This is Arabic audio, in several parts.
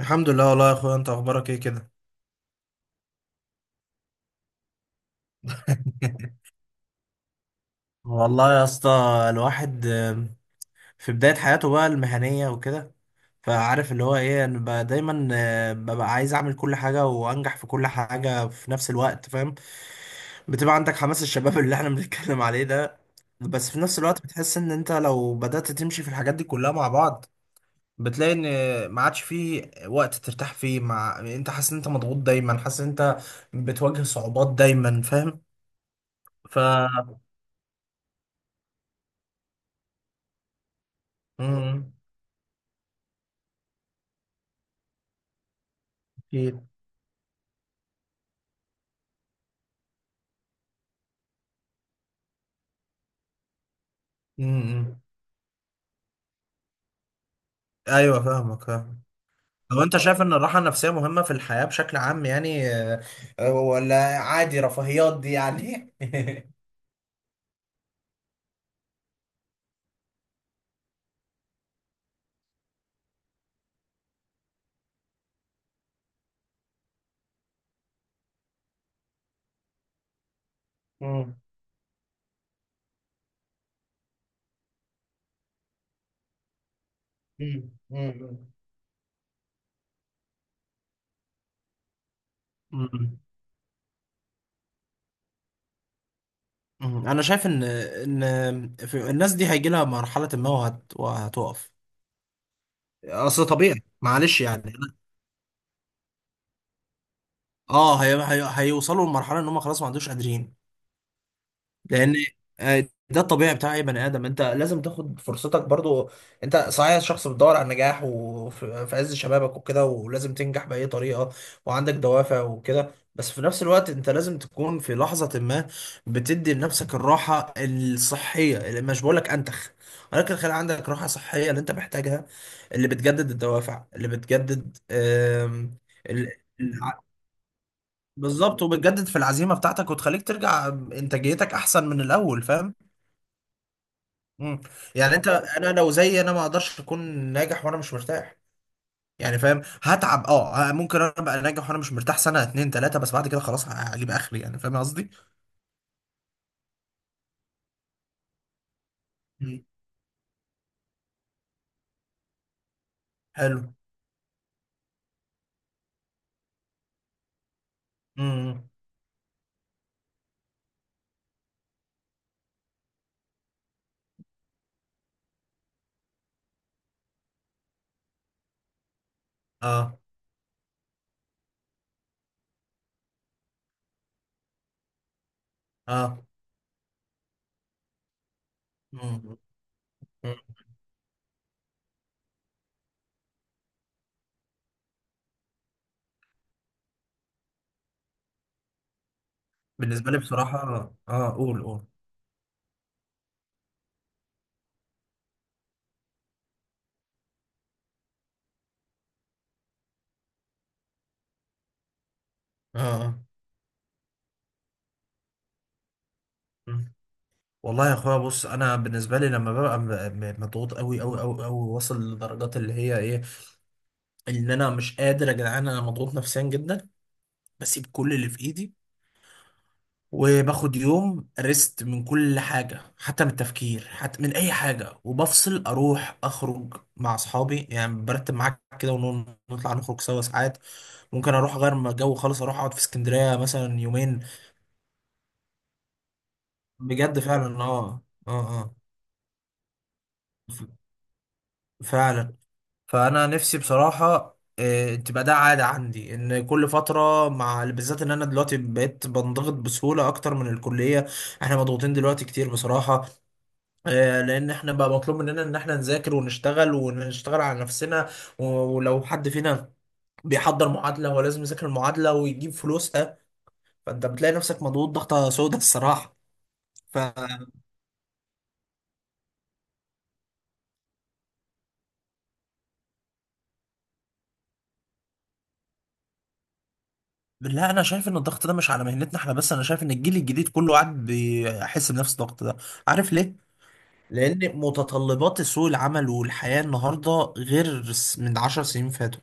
الحمد لله والله يا اخويا، انت اخبارك ايه كده؟ والله يا اسطى، الواحد في بداية حياته بقى المهنية وكده. فعارف اللي هو ايه، انا بقى دايما ببقى عايز اعمل كل حاجة وانجح في كل حاجة في نفس الوقت، فاهم؟ بتبقى عندك حماس الشباب اللي احنا بنتكلم عليه ده. بس في نفس الوقت بتحس ان انت لو بدأت تمشي في الحاجات دي كلها مع بعض، بتلاقي ان ما عادش فيه وقت ترتاح فيه، مع انت حاسس ان انت مضغوط دايما، حاسس ان انت بتواجه صعوبات دايما، فاهم؟ ف امم. اكيد. أمم. ايوه، فاهمك، فاهم. طب انت شايف ان الراحه النفسيه مهمه في الحياه بشكل عام يعني ولا عادي رفاهيات دي يعني؟ مم. مم، مم، مم. مم. انا شايف ان في الناس دي هيجي لها مرحله ما وهتقف. اصل طبيعي معلش يعني. اه هيوصلوا لمرحله ان هم خلاص ما عندوش قادرين، لان ده الطبيعي بتاع اي بني ادم. انت لازم تاخد فرصتك برضو. انت صحيح شخص بتدور على النجاح، وفي عز شبابك وكده، ولازم تنجح باي طريقه، وعندك دوافع وكده. بس في نفس الوقت انت لازم تكون في لحظه ما بتدي لنفسك الراحه الصحيه، اللي مش بقول لك انتخ، ولكن خلي عندك راحه صحيه اللي انت محتاجها، اللي بتجدد الدوافع، اللي بتجدد ال- الع- بالظبط، وبتجدد في العزيمه بتاعتك، وتخليك ترجع انتاجيتك احسن من الاول، فاهم؟ مم. يعني انا لو زي انا ما اقدرش اكون ناجح وانا مش مرتاح، يعني فاهم، هتعب، اه، ممكن انا ابقى ناجح وانا مش مرتاح سنه اتنين تلاته، بس بعد كده خلاص هجيب اخري، يعني فاهم قصدي؟ مم. حلو. امم. اه اه. مم. مم. بالنسبه لي بصراحه، اه، قول قول. اه آه. مم. والله يا اخويا بص، انا بالنسبه لي لما ببقى مضغوط قوي قوي قوي قوي، واصل لدرجات اللي هي ايه، ان انا مش قادر يا جدعان، انا مضغوط نفسيا جدا، بسيب كل اللي في ايدي، وباخد يوم ريست من كل حاجة، حتى من التفكير، حتى من أي حاجة، وبفصل، أروح أخرج مع أصحابي، يعني برتب معاك كده ونطلع نخرج سوا ساعات، ممكن أروح أغير جو خالص، أروح أقعد في اسكندرية مثلا يومين. بجد فعلا، أه أه. أه ف- فعلا. فأنا نفسي بصراحة تبقى ده عادة عندي، إن كل فترة، مع بالذات إن أنا دلوقتي بقيت بنضغط بسهولة أكتر من الكلية. إحنا مضغوطين دلوقتي كتير بصراحة. لان احنا بقى مطلوب مننا ان احنا نذاكر ونشتغل ونشتغل على نفسنا. ولو حد فينا بيحضر معادلة، هو لازم يذاكر المعادلة ويجيب فلوسها. فانت بتلاقي نفسك مضغوط ضغطة سودة الصراحة. ف لا، انا شايف ان الضغط ده مش على مهنتنا احنا بس، انا شايف ان الجيل الجديد كله قاعد بيحس بنفس الضغط ده. عارف ليه؟ لان متطلبات سوق العمل والحياة النهاردة غير من عشر سنين فاتوا.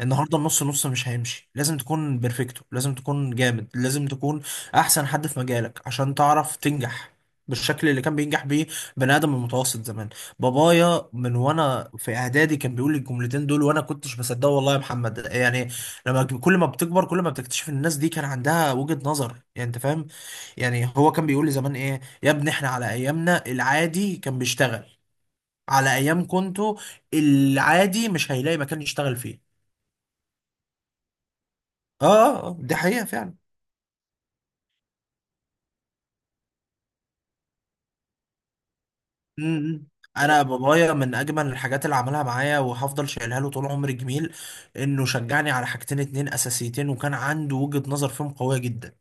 النهارده النص نص مش هيمشي، لازم تكون بيرفكتو، لازم تكون جامد، لازم تكون احسن حد في مجالك عشان تعرف تنجح بالشكل اللي كان بينجح بيه بني ادم المتوسط زمان. بابايا من وانا في اعدادي كان بيقول لي الجملتين دول، وانا كنتش بصدقه والله يا محمد يعني. لما كل ما بتكبر كل ما بتكتشف ان الناس دي كان عندها وجهة نظر، يعني انت فاهم. يعني هو كان بيقول لي زمان ايه يا ابني، احنا على ايامنا العادي كان بيشتغل، على ايام كنتوا العادي مش هيلاقي مكان يشتغل فيه. اه. دي حقيقة فعلا. امم. انا بابايا من اجمل الحاجات اللي عملها معايا وهفضل شايلها له طول عمري جميل، انه شجعني على حاجتين اتنين اساسيتين، وكان عنده وجهة نظر فيهم قوية جدا.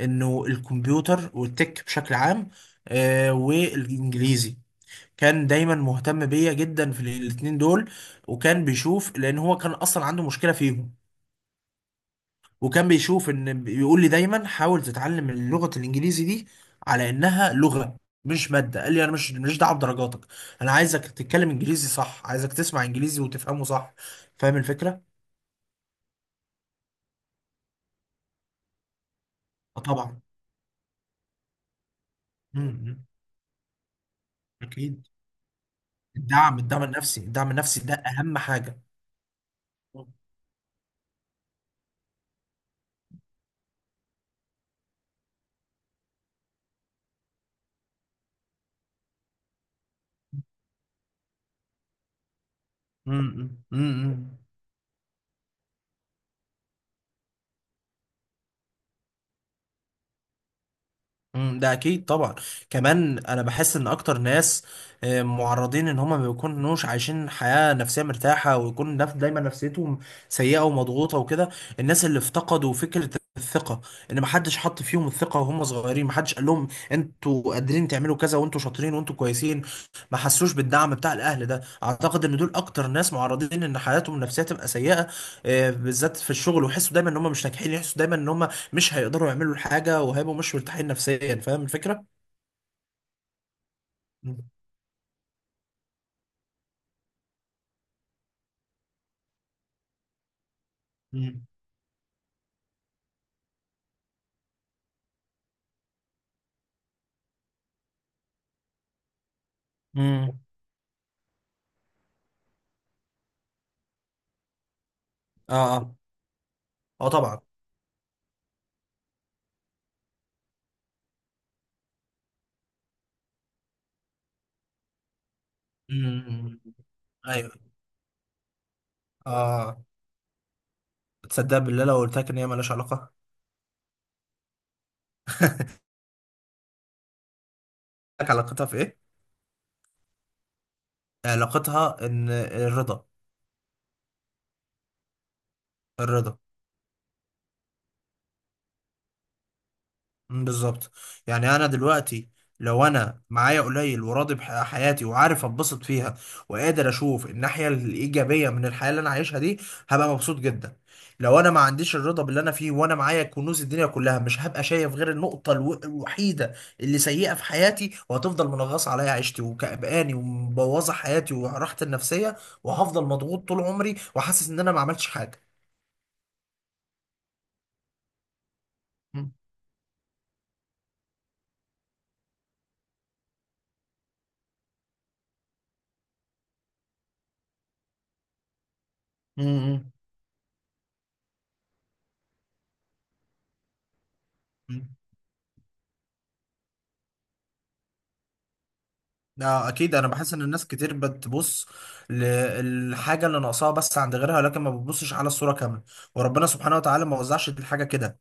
انه الكمبيوتر والتك بشكل عام، آه، والانجليزي. كان دايما مهتم بيا جدا في الاتنين دول، وكان بيشوف، لان هو كان اصلا عنده مشكلة فيهم، وكان بيشوف ان بيقول لي دايما حاول تتعلم اللغه الانجليزي دي على انها لغه مش ماده. قال لي انا مش دعوه بدرجاتك، انا عايزك تتكلم انجليزي صح، عايزك تسمع انجليزي وتفهمه صح، فاهم الفكره؟ آه طبعا. إمم. اكيد. الدعم الدعم النفسي ده اهم حاجه. امم. مم، ده اكيد طبعا. كمان انا بحس ان اكتر ناس معرضين ان هما ما بيكونوش عايشين حياة نفسية مرتاحة، ويكون دايما نفسيتهم سيئة ومضغوطة وكده، الناس اللي افتقدوا فكرة الثقة، ان محدش حط فيهم الثقة وهم صغيرين، محدش قال لهم انتوا قادرين تعملوا كذا وانتوا شاطرين وانتوا كويسين، ما حسوش بالدعم بتاع الاهل ده، اعتقد ان دول اكتر ناس معرضين ان حياتهم النفسية تبقى سيئة. بالذات في الشغل ويحسوا دايما ان هم مش ناجحين، يحسوا دايما ان هم مش هيقدروا يعملوا الحاجة، وهيبقوا مش مرتاحين نفسيا، فاهم الفكرة؟ مم. مم. مم. اه اه. اه طبعا. مم. ايوه. اه. تصدق بالله لو قلت لك ان هي مالهاش علاقة؟ لك علاقتها في ايه؟ علاقتها ان الرضا. الرضا. مم، بالظبط. يعني انا دلوقتي لو انا معايا قليل وراضي بحياتي وعارف اتبسط فيها، وقادر اشوف الناحيه الايجابيه من الحياه اللي انا عايشها دي، هبقى مبسوط جدا. لو انا ما عنديش الرضا باللي انا فيه وانا معايا كنوز الدنيا كلها، مش هبقى شايف غير النقطه الوحيده اللي سيئه في حياتي، وهتفضل منغص عليا عيشتي وكأباني ومبوظه حياتي وراحتي النفسيه، وهفضل مضغوط طول عمري وحاسس ان انا ما عملتش حاجه. مم. مم. مم. اه اكيد. انا بحس ان الناس كتير بتبص للحاجه اللي ناقصاها بس عند غيرها، لكن ما بتبصش على الصوره كامله. وربنا سبحانه وتعالى ما وزعش الحاجه كده،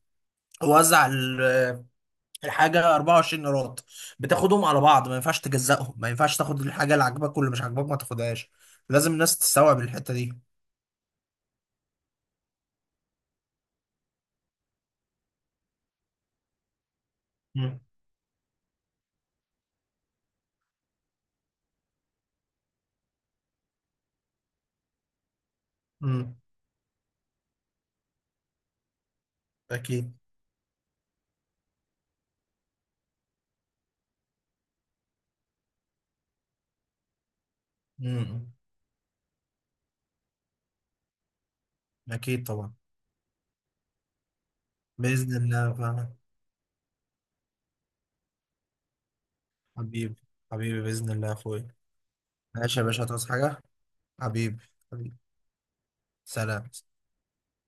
هو وزع الحاجه 24 قيراط، بتاخدهم على بعض ما ينفعش تجزأهم، ما ينفعش تاخد الحاجه اللي عاجباك واللي مش عاجباك ما تاخدهاش. لازم الناس تستوعب الحته دي. مم. مم. اكيد. مم. اكيد طبعا. باذن الله فعلا. حبيبي، حبيبي باذن الله يا اخويا. ماشي يا باشا، هتعوز حاجه؟ حبيبي، حبيبي، سلام.